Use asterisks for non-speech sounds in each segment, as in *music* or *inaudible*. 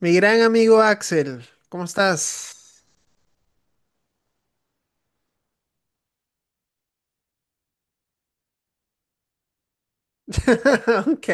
Mi gran amigo Axel, ¿cómo estás? *laughs* Ok.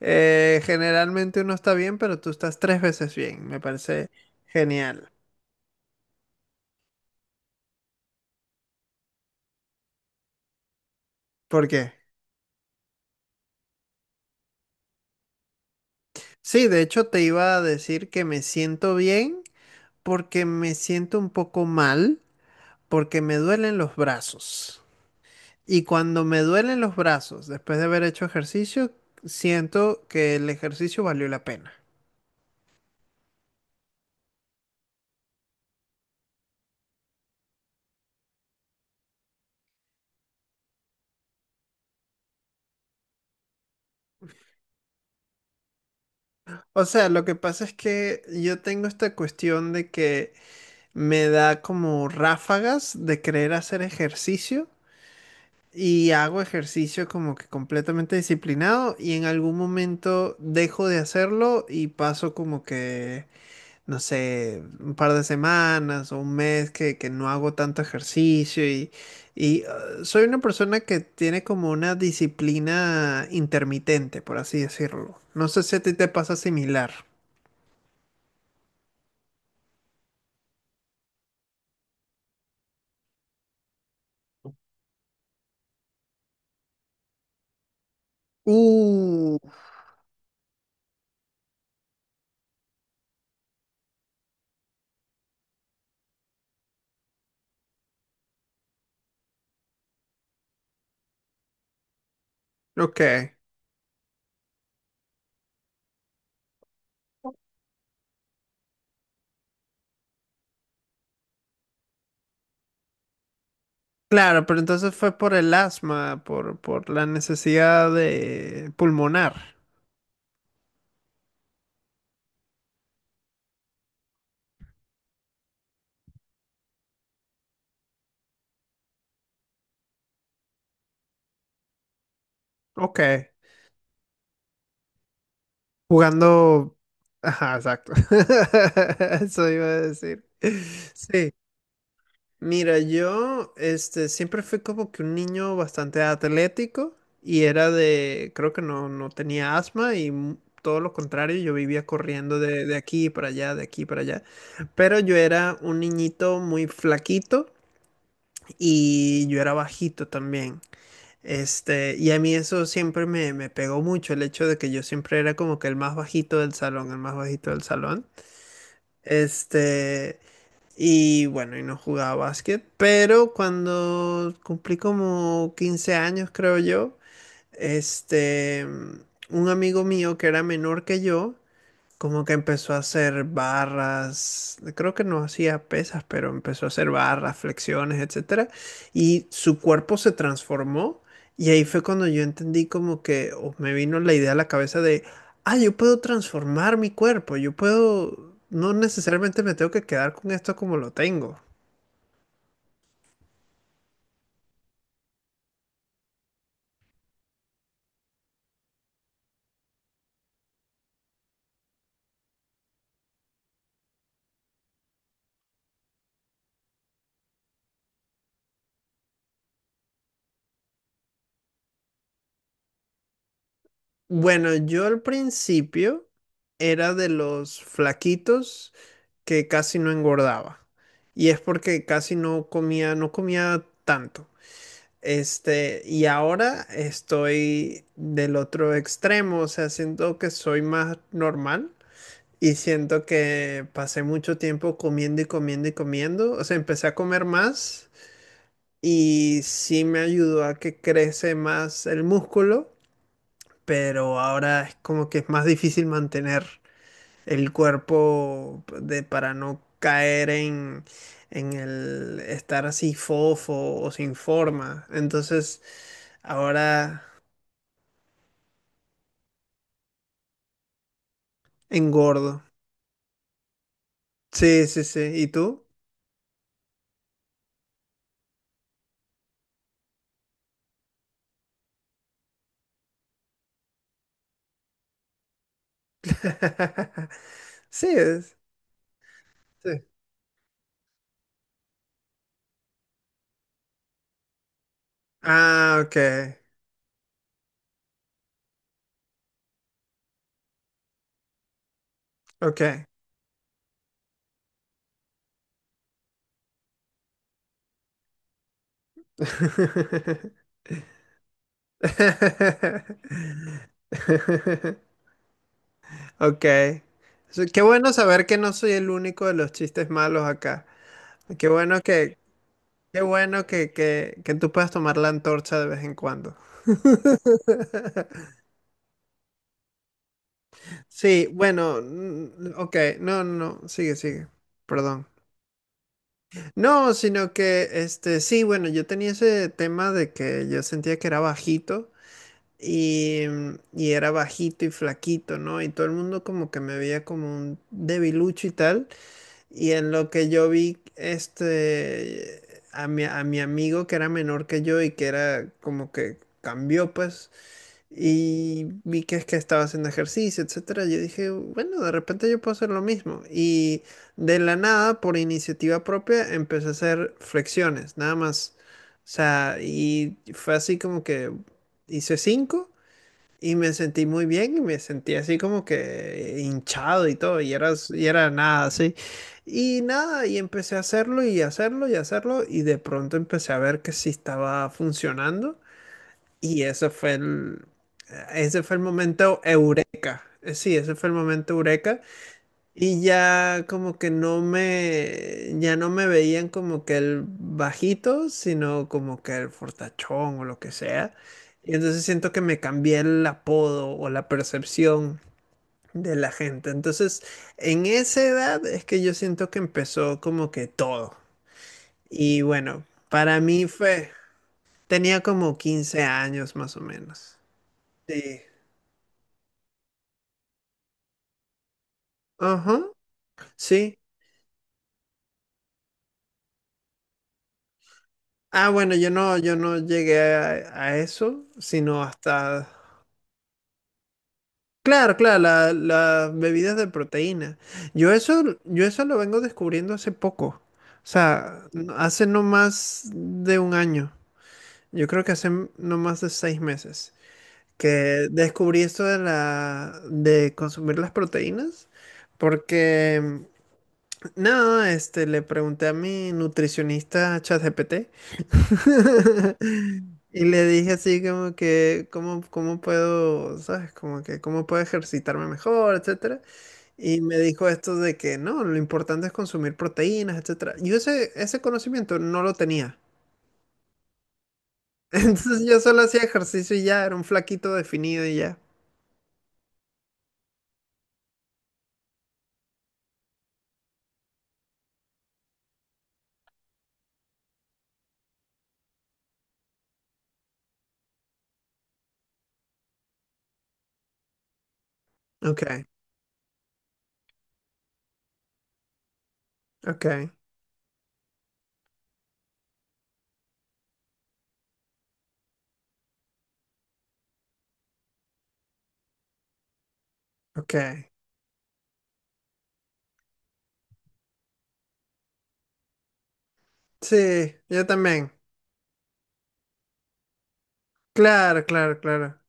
Generalmente uno está bien, pero tú estás tres veces bien. Me parece genial. ¿Por qué? Sí, de hecho te iba a decir que me siento bien porque me siento un poco mal porque me duelen los brazos. Y cuando me duelen los brazos, después de haber hecho ejercicio, siento que el ejercicio valió la pena. O sea, lo que pasa es que yo tengo esta cuestión de que me da como ráfagas de querer hacer ejercicio y hago ejercicio como que completamente disciplinado y en algún momento dejo de hacerlo y paso como que, no sé, un par de semanas o un mes que no hago tanto ejercicio y soy una persona que tiene como una disciplina intermitente, por así decirlo. No sé si a ti te pasa similar. Uh, ok. Claro, pero entonces fue por el asma, por la necesidad de pulmonar. Ok. Jugando. Ajá, exacto. *laughs* Eso iba a decir. Sí. Mira, yo siempre fui como que un niño bastante atlético y era de. Creo que no tenía asma y todo lo contrario, yo vivía corriendo de aquí para allá, de aquí para allá. Pero yo era un niñito muy flaquito y yo era bajito también. Y a mí eso siempre me, me pegó mucho, el hecho de que yo siempre era como que el más bajito del salón, el más bajito del salón. Este, y bueno, y no jugaba básquet, pero cuando cumplí como 15 años, creo yo, este, un amigo mío que era menor que yo, como que empezó a hacer barras, creo que no hacía pesas, pero empezó a hacer barras, flexiones, etcétera, y su cuerpo se transformó y ahí fue cuando yo entendí como que o me vino la idea a la cabeza de, ah, yo puedo transformar mi cuerpo, yo puedo, no necesariamente me tengo que quedar con esto como lo tengo. Bueno, yo al principio era de los flaquitos que casi no engordaba. Y es porque casi no comía, no comía tanto. Y ahora estoy del otro extremo, o sea, siento que soy más normal y siento que pasé mucho tiempo comiendo y comiendo y comiendo, o sea, empecé a comer más y sí me ayudó a que crece más el músculo, pero ahora es como que es más difícil mantener el cuerpo de, para no caer en el estar así fofo o sin forma. Entonces, ahora engordo. Sí, sí, sí. ¿Y tú? *laughs* Sí, es. Sí. Ah, ok, ok. *laughs* Ok. So, qué bueno saber que no soy el único de los chistes malos acá. Qué bueno que, Qué bueno que tú puedas tomar la antorcha de vez en cuando. *laughs* Sí, bueno, mm, ok, no, no, no, sigue, sigue, perdón. No, sino que, sí, bueno, yo tenía ese tema de que yo sentía que era bajito y era bajito y flaquito, ¿no? Y todo el mundo como que me veía como un debilucho y tal. Y en lo que yo vi, a mi amigo que era menor que yo y que era como que cambió, pues, y vi que es que estaba haciendo ejercicio, etcétera. Yo dije, bueno, de repente yo puedo hacer lo mismo. Y de la nada, por iniciativa propia, empecé a hacer flexiones, nada más. O sea, y fue así como que hice cinco. Y me sentí muy bien y me sentí así como que hinchado y todo, y era, s- y era nada así. Y nada, y empecé a hacerlo y hacerlo y hacerlo, y de pronto empecé a ver que sí estaba funcionando. Y ese fue el momento eureka. Sí, ese fue el momento eureka y ya como que ya no me veían como que el bajito, sino como que el fortachón o lo que sea. Y entonces siento que me cambié el apodo o la percepción de la gente. Entonces, en esa edad es que yo siento que empezó como que todo. Y bueno, para mí fue, tenía como 15 años más o menos. Sí. Ajá, sí. Ah, bueno, yo no llegué a eso, sino hasta claro, claro, las bebidas de proteína. Yo eso lo vengo descubriendo hace poco. O sea, hace no más de un año. Yo creo que hace no más de 6 meses que descubrí esto de la, de consumir las proteínas. Porque, no, le pregunté a mi nutricionista ChatGPT. *laughs* Y le dije así como que, ¿cómo, cómo puedo, sabes? Como que, ¿cómo puedo ejercitarme mejor, etcétera? Y me dijo esto de que no, lo importante es consumir proteínas, etcétera. Yo ese conocimiento no lo tenía. *laughs* Entonces yo solo hacía ejercicio y ya, era un flaquito definido y ya. Ok, ok, ok. Sí, yo también. Claro, claro, claro.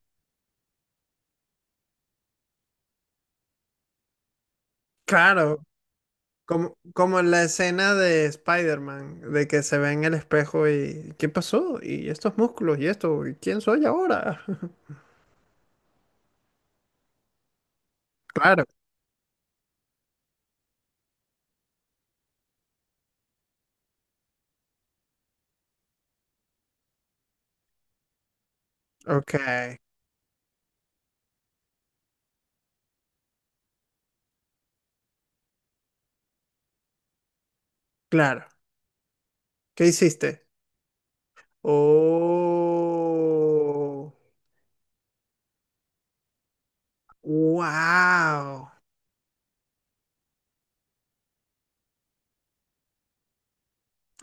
Claro, como en la escena de Spider-Man, de que se ve en el espejo y ¿qué pasó? Y estos músculos y esto, ¿y quién soy ahora? *laughs* Claro, ok, claro. ¿Qué hiciste? Oh, wow.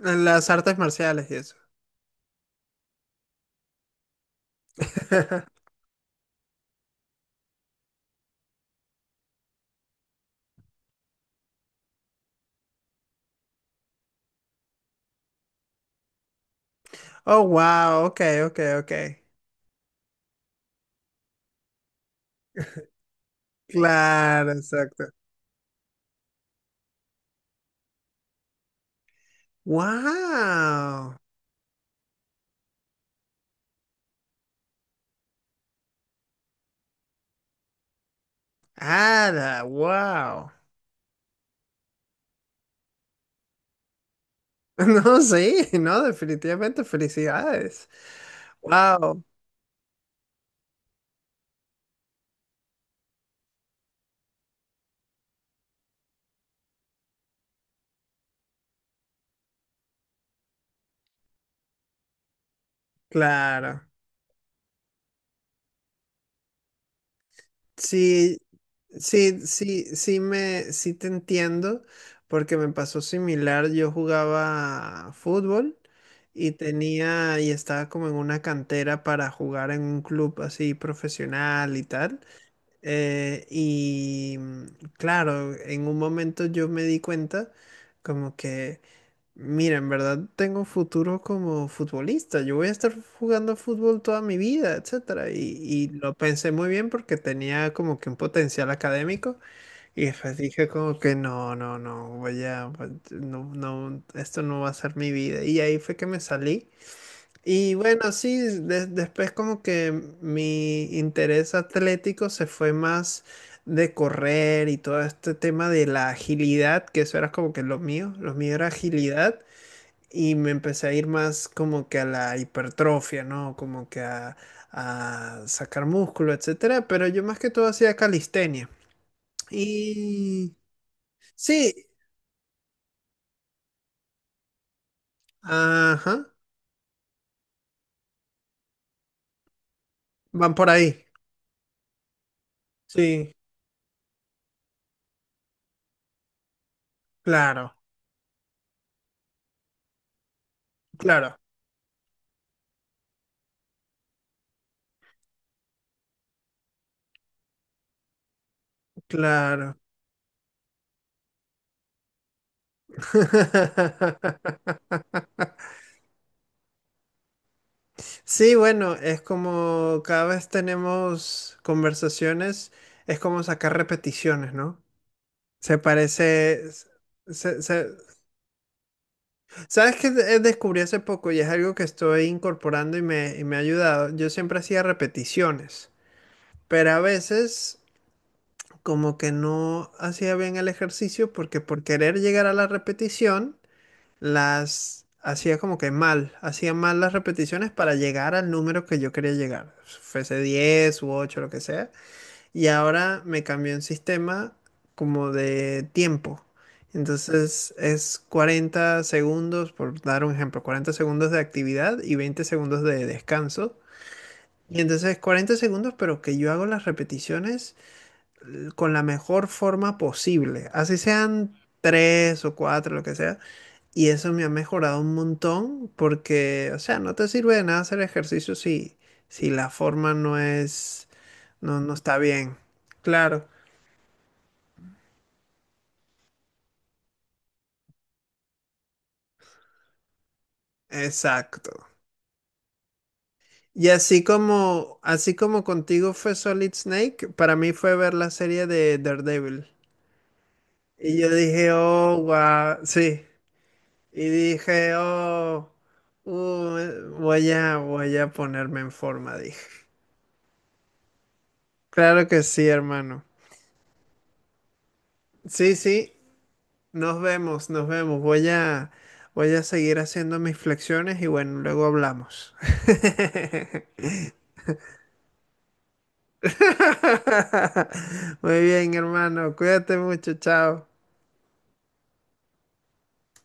Las artes marciales y eso. *laughs* Oh, wow. Ok, ok, ok. Claro, exacto. Wow. Ada, wow. *laughs* No, sí, no, definitivamente felicidades. Wow, claro. Sí, sí, sí, sí me, sí te entiendo, porque me pasó similar. Yo jugaba fútbol y tenía, y estaba como en una cantera para jugar en un club así profesional y tal. Y claro, en un momento yo me di cuenta como que mira, en verdad tengo futuro como futbolista. Yo voy a estar jugando fútbol toda mi vida, etcétera. Y lo pensé muy bien porque tenía como que un potencial académico y después dije como que no, no, no, voy a, pues, no, no, esto no va a ser mi vida. Y ahí fue que me salí. Y bueno, sí, después como que mi interés atlético se fue más de correr y todo este tema de la agilidad, que eso era como que lo mío era agilidad y me empecé a ir más como que a la hipertrofia, ¿no? Como que a sacar músculo, etcétera. Pero yo más que todo hacía calistenia. Y sí, ajá, van por ahí. Sí, claro, claro, claro. *laughs* Sí, bueno, es como cada vez tenemos conversaciones, es como sacar repeticiones, ¿no? Se parece, se, se- ¿Sabes qué descubrí hace poco y es algo que estoy incorporando y me ha ayudado? Yo siempre hacía repeticiones, pero a veces como que no hacía bien el ejercicio porque por querer llegar a la repetición las hacía como que mal, hacía mal las repeticiones para llegar al número que yo quería llegar, fuese 10 u 8 lo que sea. Y ahora me cambió un sistema como de tiempo. Entonces es 40 segundos, por dar un ejemplo, 40 segundos de actividad y 20 segundos de descanso. Y entonces 40 segundos, pero que yo hago las repeticiones con la mejor forma posible. Así sean 3 o 4 lo que sea. Y eso me ha mejorado un montón porque, o sea, no te sirve de nada hacer ejercicio si, si la forma no es, no, no está bien. Claro. Exacto. Y así como contigo fue Solid Snake, para mí fue ver la serie de Daredevil. Y yo dije, oh, guau, sí. Y dije, oh, voy a ponerme en forma, dije. Claro que sí, hermano. Sí, sí, nos vemos, nos vemos. Voy a seguir haciendo mis flexiones y bueno, luego hablamos. *laughs* Muy bien, hermano. Cuídate mucho, chao.